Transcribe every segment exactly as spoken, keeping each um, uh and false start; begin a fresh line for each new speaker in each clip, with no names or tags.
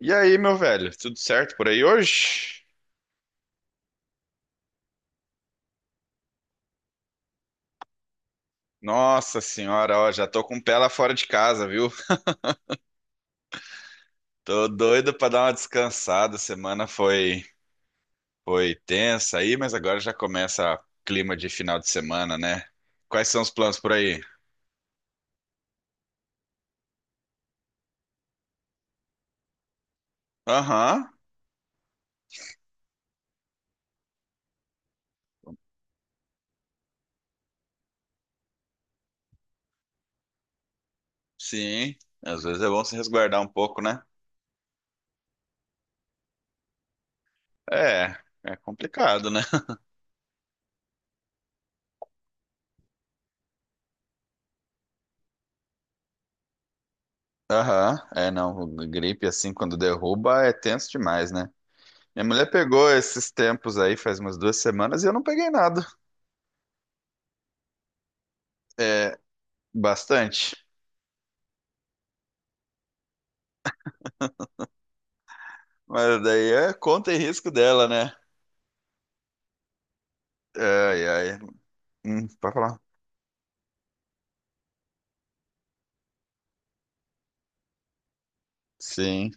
E aí, meu velho, tudo certo por aí hoje? Nossa senhora, ó, já tô com o pé lá fora de casa, viu? Tô doido pra dar uma descansada. A semana foi foi tensa aí, mas agora já começa clima de final de semana, né? Quais são os planos por aí? Aham, sim. Às vezes é bom se resguardar um pouco, né? É, é complicado, né? Aham, é, não, gripe assim quando derruba é tenso demais, né? Minha mulher pegou esses tempos aí faz umas duas semanas e eu não peguei nada. É, bastante. Mas daí é conta e risco dela, né? Ai, ai. Hum, pode falar. Sim,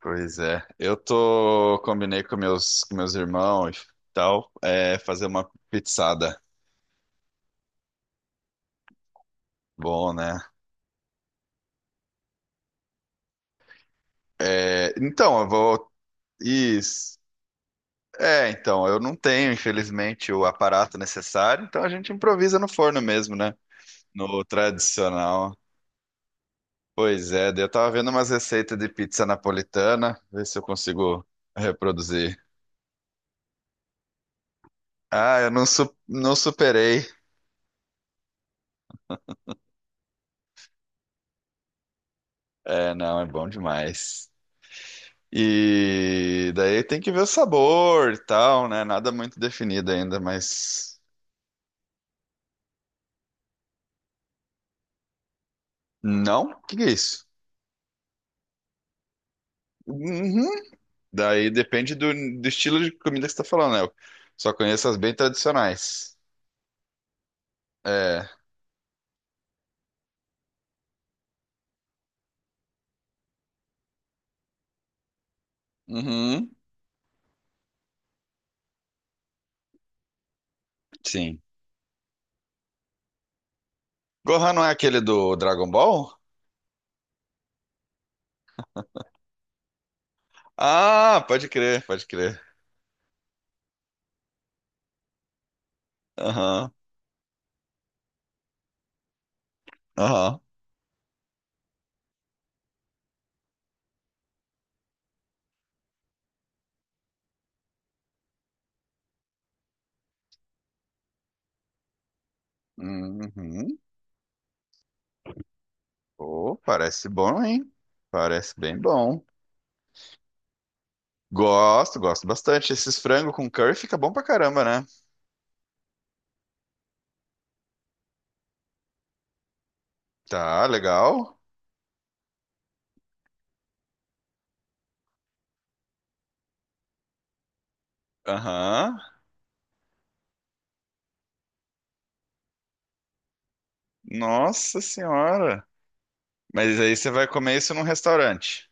pois é. Eu tô, combinei com meus, com meus irmãos e tal, é, fazer uma pizzada. Bom, né? É, então, eu vou. Isso. É, então, eu não tenho, infelizmente, o aparato necessário, então a gente improvisa no forno mesmo, né? No tradicional. Pois é, daí eu tava vendo umas receitas de pizza napolitana, ver se eu consigo reproduzir. Ah, eu não, su- não superei. É, não, é bom demais. E daí tem que ver o sabor e tal, né? Nada muito definido ainda, mas. Não? O que que é isso? Uhum. Daí depende do, do estilo de comida que você tá falando, né? Eu só conheço as bem tradicionais. É. Uhum. Sim. Gohan não é aquele do Dragon Ball? Ah, pode crer, pode crer. Aham, aham. Uhum. Pô, parece bom, hein? Parece bem bom. Gosto, gosto bastante. Esses frango com curry fica bom pra caramba, né? Tá, legal. Aham. Nossa senhora. Mas aí você vai comer isso num restaurante.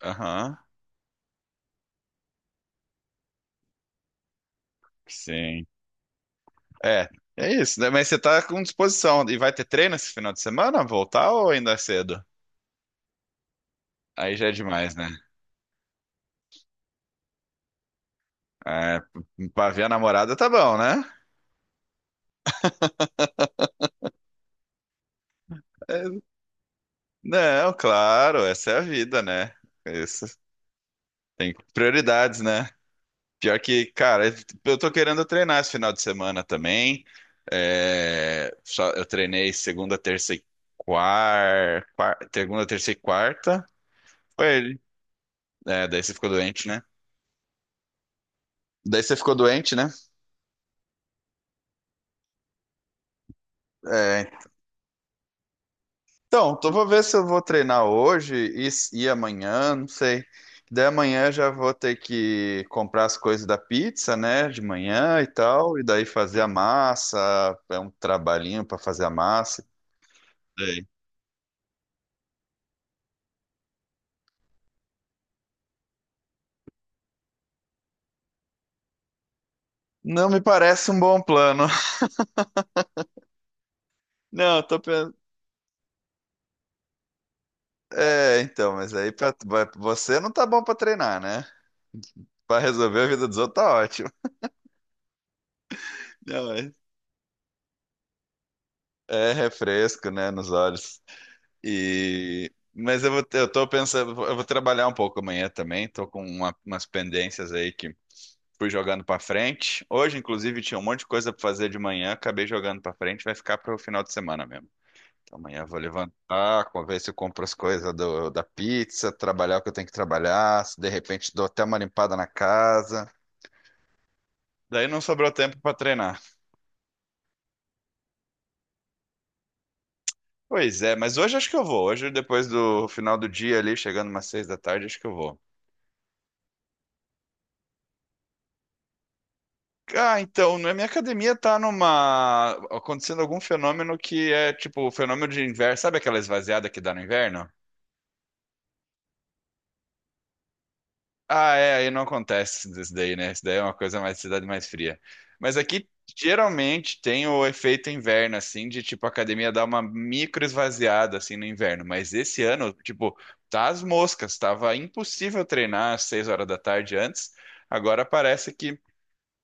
Aham. Sim. É, é isso, né? Mas você tá com disposição. E vai ter treino esse final de semana? Voltar ou ainda é cedo? Aí já é demais, né? É, pra ver a namorada tá bom, né? É, não, claro, essa é a vida, né? Isso. Tem prioridades, né? Pior que, cara, eu tô querendo treinar esse final de semana também. É, só- eu treinei segunda, terça e quarta, segunda, terça e quarta. Foi ele. É, daí você ficou doente, né? Daí você ficou doente, né? É, então, tô, vou ver se eu vou treinar hoje e, s- e amanhã, não sei. Daí amanhã eu já vou ter que comprar as coisas da pizza, né? De manhã e tal. E daí fazer a massa. É um trabalhinho pra fazer a massa. Não me parece um bom plano. Não, eu tô pensando. É, então, mas aí pra... vai- você não tá bom pra treinar, né? Pra resolver a vida dos outros tá ótimo. Não, é, é refresco, né, nos olhos. E mas eu vou, ter- eu tô pensando, eu vou trabalhar um pouco amanhã também. Tô com uma- umas pendências aí que fui jogando pra frente. Hoje, inclusive, tinha um monte de coisa pra fazer de manhã, acabei jogando pra frente, vai ficar pro final de semana mesmo. Amanhã eu vou levantar, com- ver se eu compro as coisas do- da pizza, trabalhar o que eu tenho que trabalhar, se de repente dou até uma limpada na casa. Daí não sobrou tempo para treinar. Pois é, mas hoje acho que eu vou. Hoje, depois do final do dia ali, chegando umas seis da tarde, acho que eu vou. Ah, então, na minha academia tá numa... acontecendo algum fenômeno que é tipo o fenômeno de inverno. Sabe aquela esvaziada que dá no inverno? Ah, é, aí não acontece isso daí, né? Isso daí é uma coisa mais cidade mais fria. Mas aqui geralmente tem o efeito inverno, assim, de tipo a academia dar uma micro esvaziada assim no inverno. Mas esse ano, tipo, tá as moscas, tava impossível treinar às seis horas da tarde antes. Agora parece que.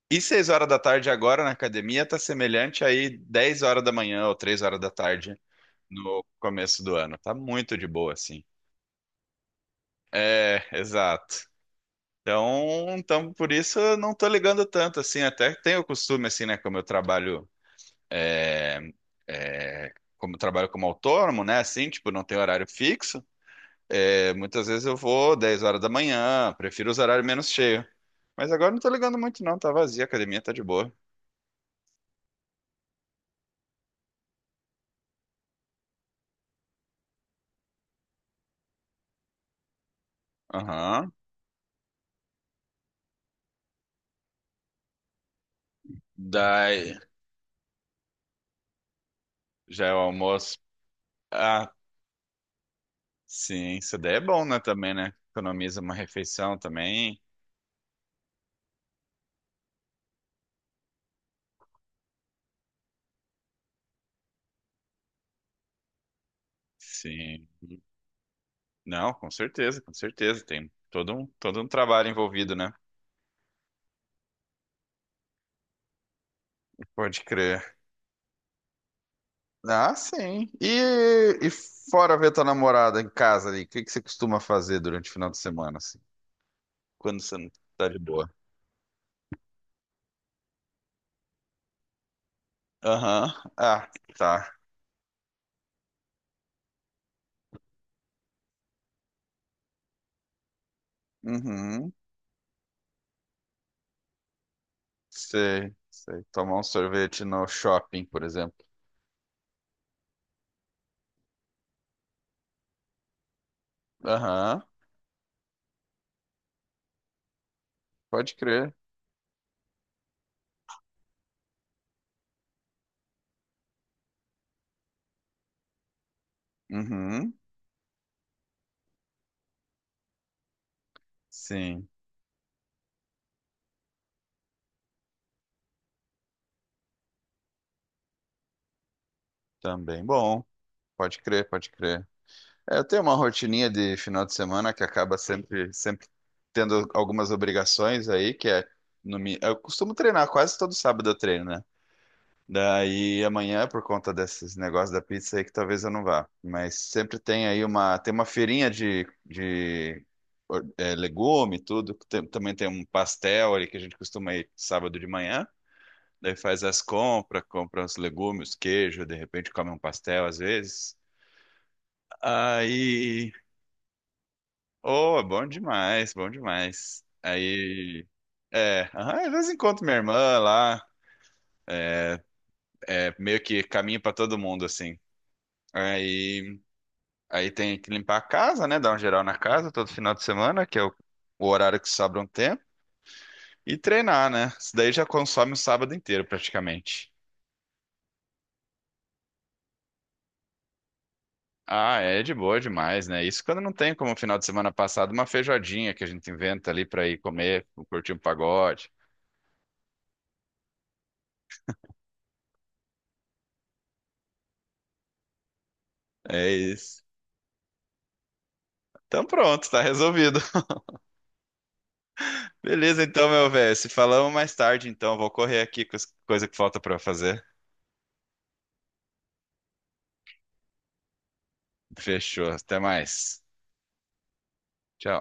E seis horas da tarde agora na academia tá semelhante aí dez horas da manhã ou três horas da tarde no começo do ano. Tá muito de boa, assim. É, exato. Então, então, por isso eu não tô ligando tanto, assim, até tenho o costume, assim, né, como eu trabalho, é, é, como eu trabalho como autônomo, né, assim, tipo, não tem horário fixo, é, muitas vezes eu vou dez horas da manhã, prefiro os horários menos cheios. Mas agora não tô ligando muito não, tá vazia, a academia tá de boa. Aham, daí, já é o almoço. Ah, sim, isso daí é bom, né, também, né, economiza uma refeição também, sim. Não, com certeza, com certeza. Tem todo um, todo um trabalho envolvido, né? Pode crer. Ah, sim. E, e fora ver tua namorada em casa ali, o que que você costuma fazer durante o final de semana, assim? Quando você não tá de boa. Aham. Ah, tá. Uhum. Sei, sei. Tomar um sorvete no shopping, por exemplo. Aham. Pode crer. Uhum. Sim. Também bom. Pode crer, pode crer. É, eu tenho uma rotininha de final de semana que acaba sempre, sempre tendo algumas obrigações aí, que é no, mi- eu costumo treinar quase todo sábado eu treino, né? Daí amanhã, por conta desses negócios da pizza aí, que talvez eu não vá. Mas sempre tem aí uma, tem uma feirinha de, de or- é, legume, e tudo. Tem- também tem um pastel ali que a gente costuma ir sábado de manhã. Daí faz as compras, compra os legumes, queijo, de repente come um pastel às vezes. Aí oh, bom demais, bom demais. Aí, é, aham, às vezes encontro minha irmã lá, é, meio que caminho pra todo mundo, assim. Aí, aí tem que limpar a casa, né? Dar um geral na casa todo final de semana, que é o, o horário que sobra um tempo. E treinar, né? Isso daí já consome o sábado inteiro, praticamente. Ah, é de boa demais, né? Isso quando não tem como final de semana passado, uma feijoadinha que a gente inventa ali pra ir comer, curtir um pagode. É isso. Então pronto, tá resolvido. Beleza, então, meu velho. Se falamos mais tarde, então. Vou correr aqui com as coisas que falta pra fazer. Fechou. Até mais. Tchau.